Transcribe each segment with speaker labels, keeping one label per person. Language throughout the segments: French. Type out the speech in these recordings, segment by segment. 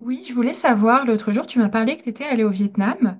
Speaker 1: Oui, je voulais savoir, l'autre jour, tu m'as parlé que tu étais allée au Vietnam.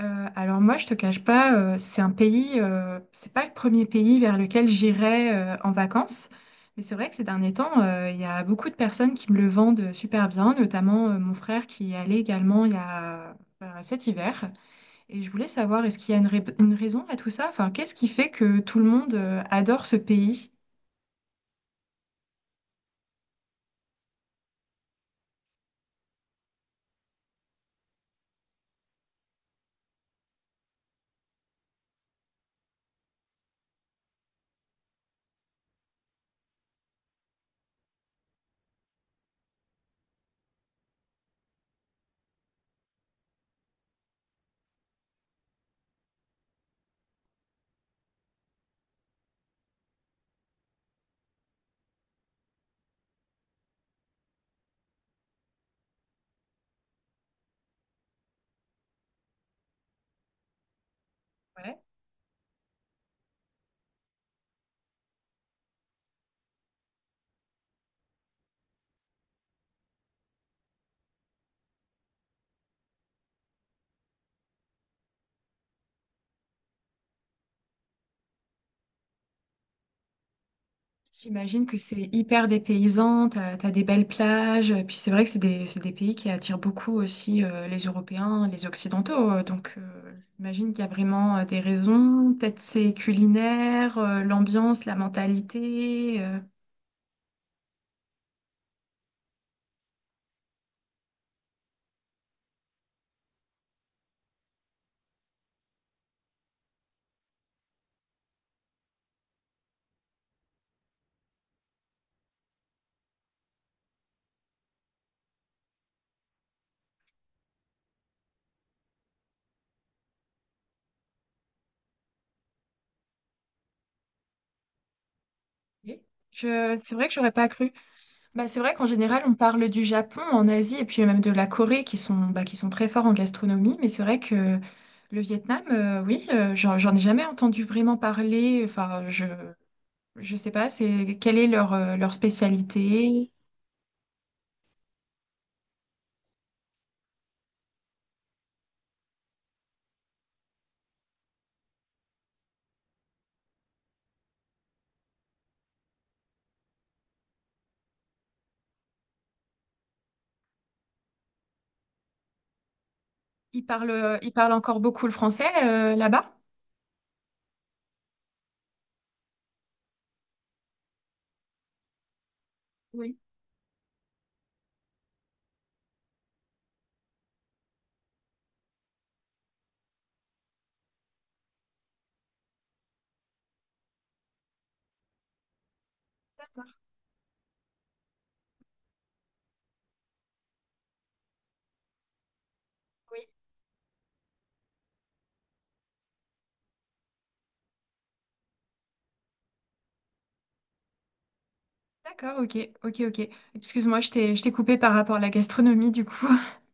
Speaker 1: Alors moi, je te cache pas, c'est un pays, c'est pas le premier pays vers lequel j'irais en vacances. Mais c'est vrai que ces derniers temps, il y a beaucoup de personnes qui me le vendent super bien, notamment mon frère qui y est allé également il y a cet hiver. Et je voulais savoir, est-ce qu'il y a une, une raison à tout ça? Enfin, qu'est-ce qui fait que tout le monde adore ce pays? J'imagine que c'est hyper dépaysant, t'as des belles plages, puis c'est vrai que c'est des pays qui attirent beaucoup aussi les Européens, les Occidentaux, donc j'imagine qu'il y a vraiment des raisons, peut-être c'est culinaire, l'ambiance, la mentalité. Ok. C'est vrai que j'aurais pas cru. Bah, c'est vrai qu'en général on parle du Japon en Asie et puis même de la Corée qui sont, bah, qui sont très forts en gastronomie, mais c'est vrai que le Vietnam, oui, j'en ai jamais entendu vraiment parler, enfin je... Je sais pas, c'est quelle est leur, leur spécialité? Ils parlent encore beaucoup le français là-bas? Oui. D'accord, oui. D'accord, ok, ok, ok. Excuse-moi, je t'ai coupé par rapport à la gastronomie du coup.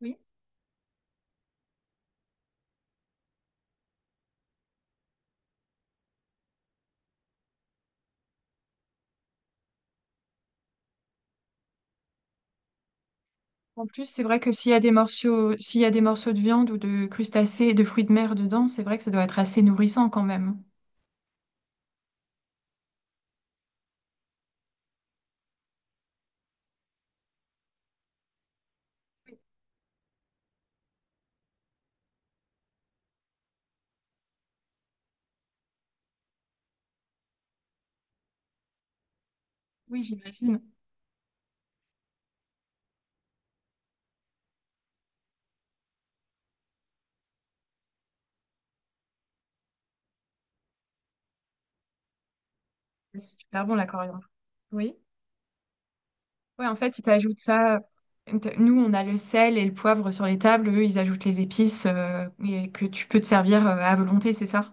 Speaker 1: Oui. En plus, c'est vrai que s'il y a des morceaux de viande ou de crustacés, de fruits de mer dedans, c'est vrai que ça doit être assez nourrissant quand même. Oui, j'imagine. C'est super bon la coriandre. Oui. Ouais, en fait, ils t'ajoutent ça. Nous, on a le sel et le poivre sur les tables. Eux, ils ajoutent les épices et que tu peux te servir à volonté, c'est ça?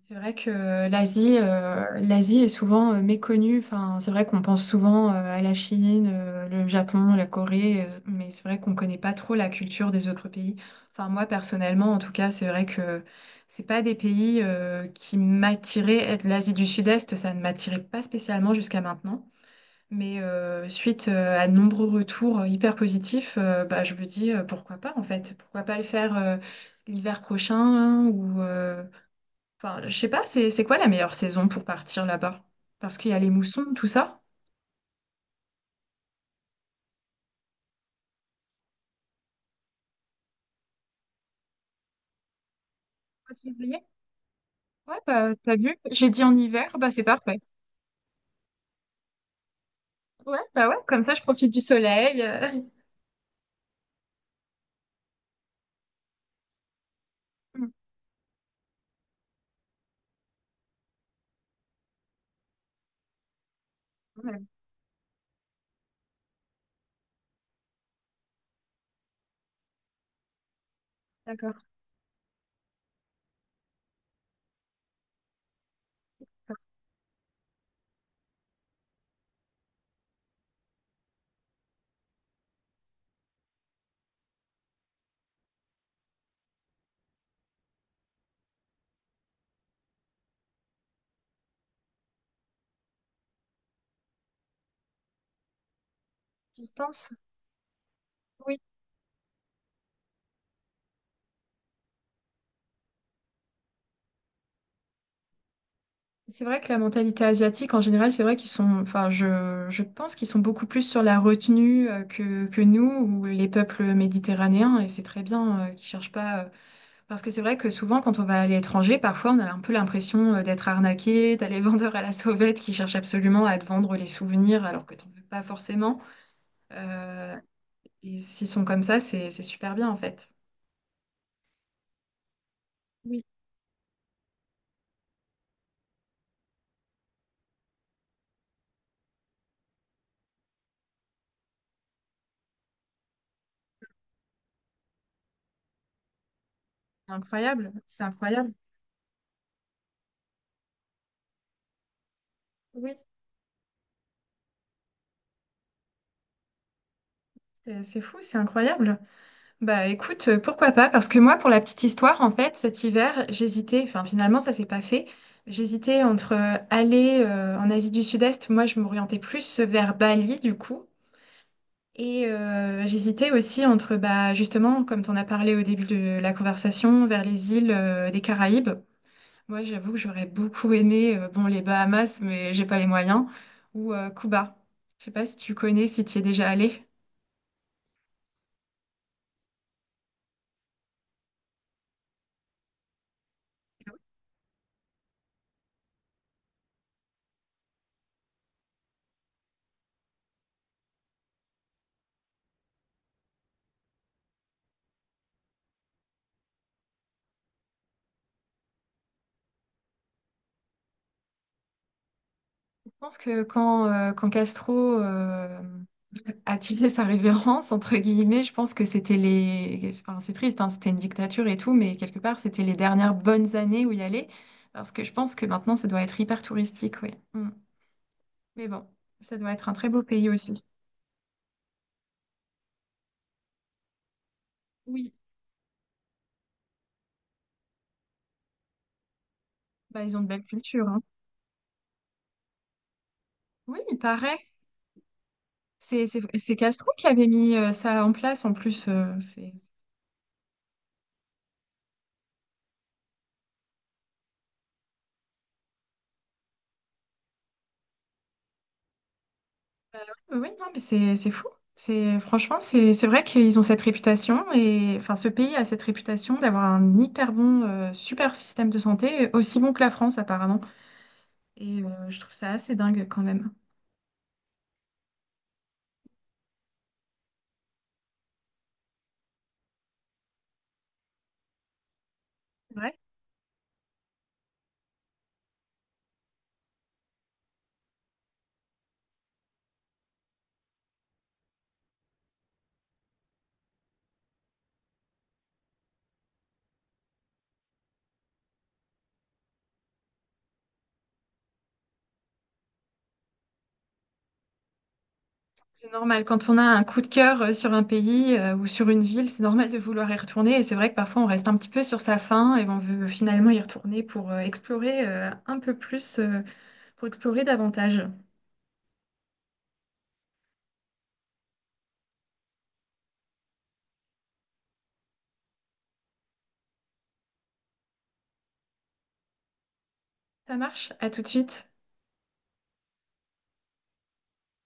Speaker 1: C'est vrai que l'Asie est souvent méconnue. Enfin, c'est vrai qu'on pense souvent à la Chine, le Japon, la Corée, mais c'est vrai qu'on connaît pas trop la culture des autres pays. Enfin, moi personnellement, en tout cas, c'est vrai que c'est pas des pays qui m'attiraient. Être L'Asie du Sud-Est, ça ne m'attirait pas spécialement jusqu'à maintenant. Mais suite à de nombreux retours hyper positifs, bah, je me dis pourquoi pas en fait, pourquoi pas le faire l'hiver prochain hein, ou Enfin, je sais pas, c'est quoi la meilleure saison pour partir là-bas? Parce qu'il y a les moussons, tout ça. Mois de février? Ouais, bah t'as vu, j'ai dit en hiver, bah c'est parfait. Ouais, bah ouais, comme ça je profite du soleil. Mm, ouais, d'accord. Distance? Oui. C'est vrai que la mentalité asiatique, en général, c'est vrai qu'ils sont, enfin, je pense qu'ils sont beaucoup plus sur la retenue que nous ou les peuples méditerranéens, et c'est très bien qu'ils cherchent pas Parce que c'est vrai que souvent, quand on va à l'étranger, parfois on a un peu l'impression d'être arnaqué, t'as les vendeurs à la sauvette qui cherchent absolument à te vendre les souvenirs alors que t'en veux pas forcément. Euh, et s'ils sont comme ça, c'est super bien en fait. Oui. C'est Incroyable, c'est incroyable. Oui, c'est fou, c'est incroyable. Bah écoute, pourquoi pas? Parce que moi, pour la petite histoire, en fait, cet hiver, j'hésitais, enfin finalement ça s'est pas fait. J'hésitais entre aller en Asie du Sud-Est, moi je m'orientais plus vers Bali du coup. J'hésitais aussi entre, bah, justement, comme tu en as parlé au début de la conversation, vers les îles des Caraïbes. Moi, j'avoue que j'aurais beaucoup aimé, bon, les Bahamas, mais j'ai pas les moyens, ou Cuba. Je sais pas si tu connais, si tu y es déjà allé. Je pense que quand Castro a tiré sa révérence, entre guillemets, je pense que c'était les... Enfin, c'est triste, hein, c'était une dictature et tout, mais quelque part, c'était les dernières bonnes années où y aller, parce que je pense que maintenant, ça doit être hyper touristique, oui. Mais bon, ça doit être un très beau pays aussi. Oui. Bah, ils ont de belles cultures, hein. Oui, il paraît. C'est Castro qui avait mis ça en place en plus. C'est oui, non, mais c'est fou. C'est franchement, c'est vrai qu'ils ont cette réputation et enfin ce pays a cette réputation d'avoir un hyper bon, super système de santé, aussi bon que la France apparemment. Je trouve ça assez dingue quand même. C'est normal, quand on a un coup de cœur sur un pays ou sur une ville, c'est normal de vouloir y retourner. Et c'est vrai que parfois on reste un petit peu sur sa faim et on veut finalement y retourner pour explorer un peu plus, pour explorer davantage. Ça marche, à tout de suite.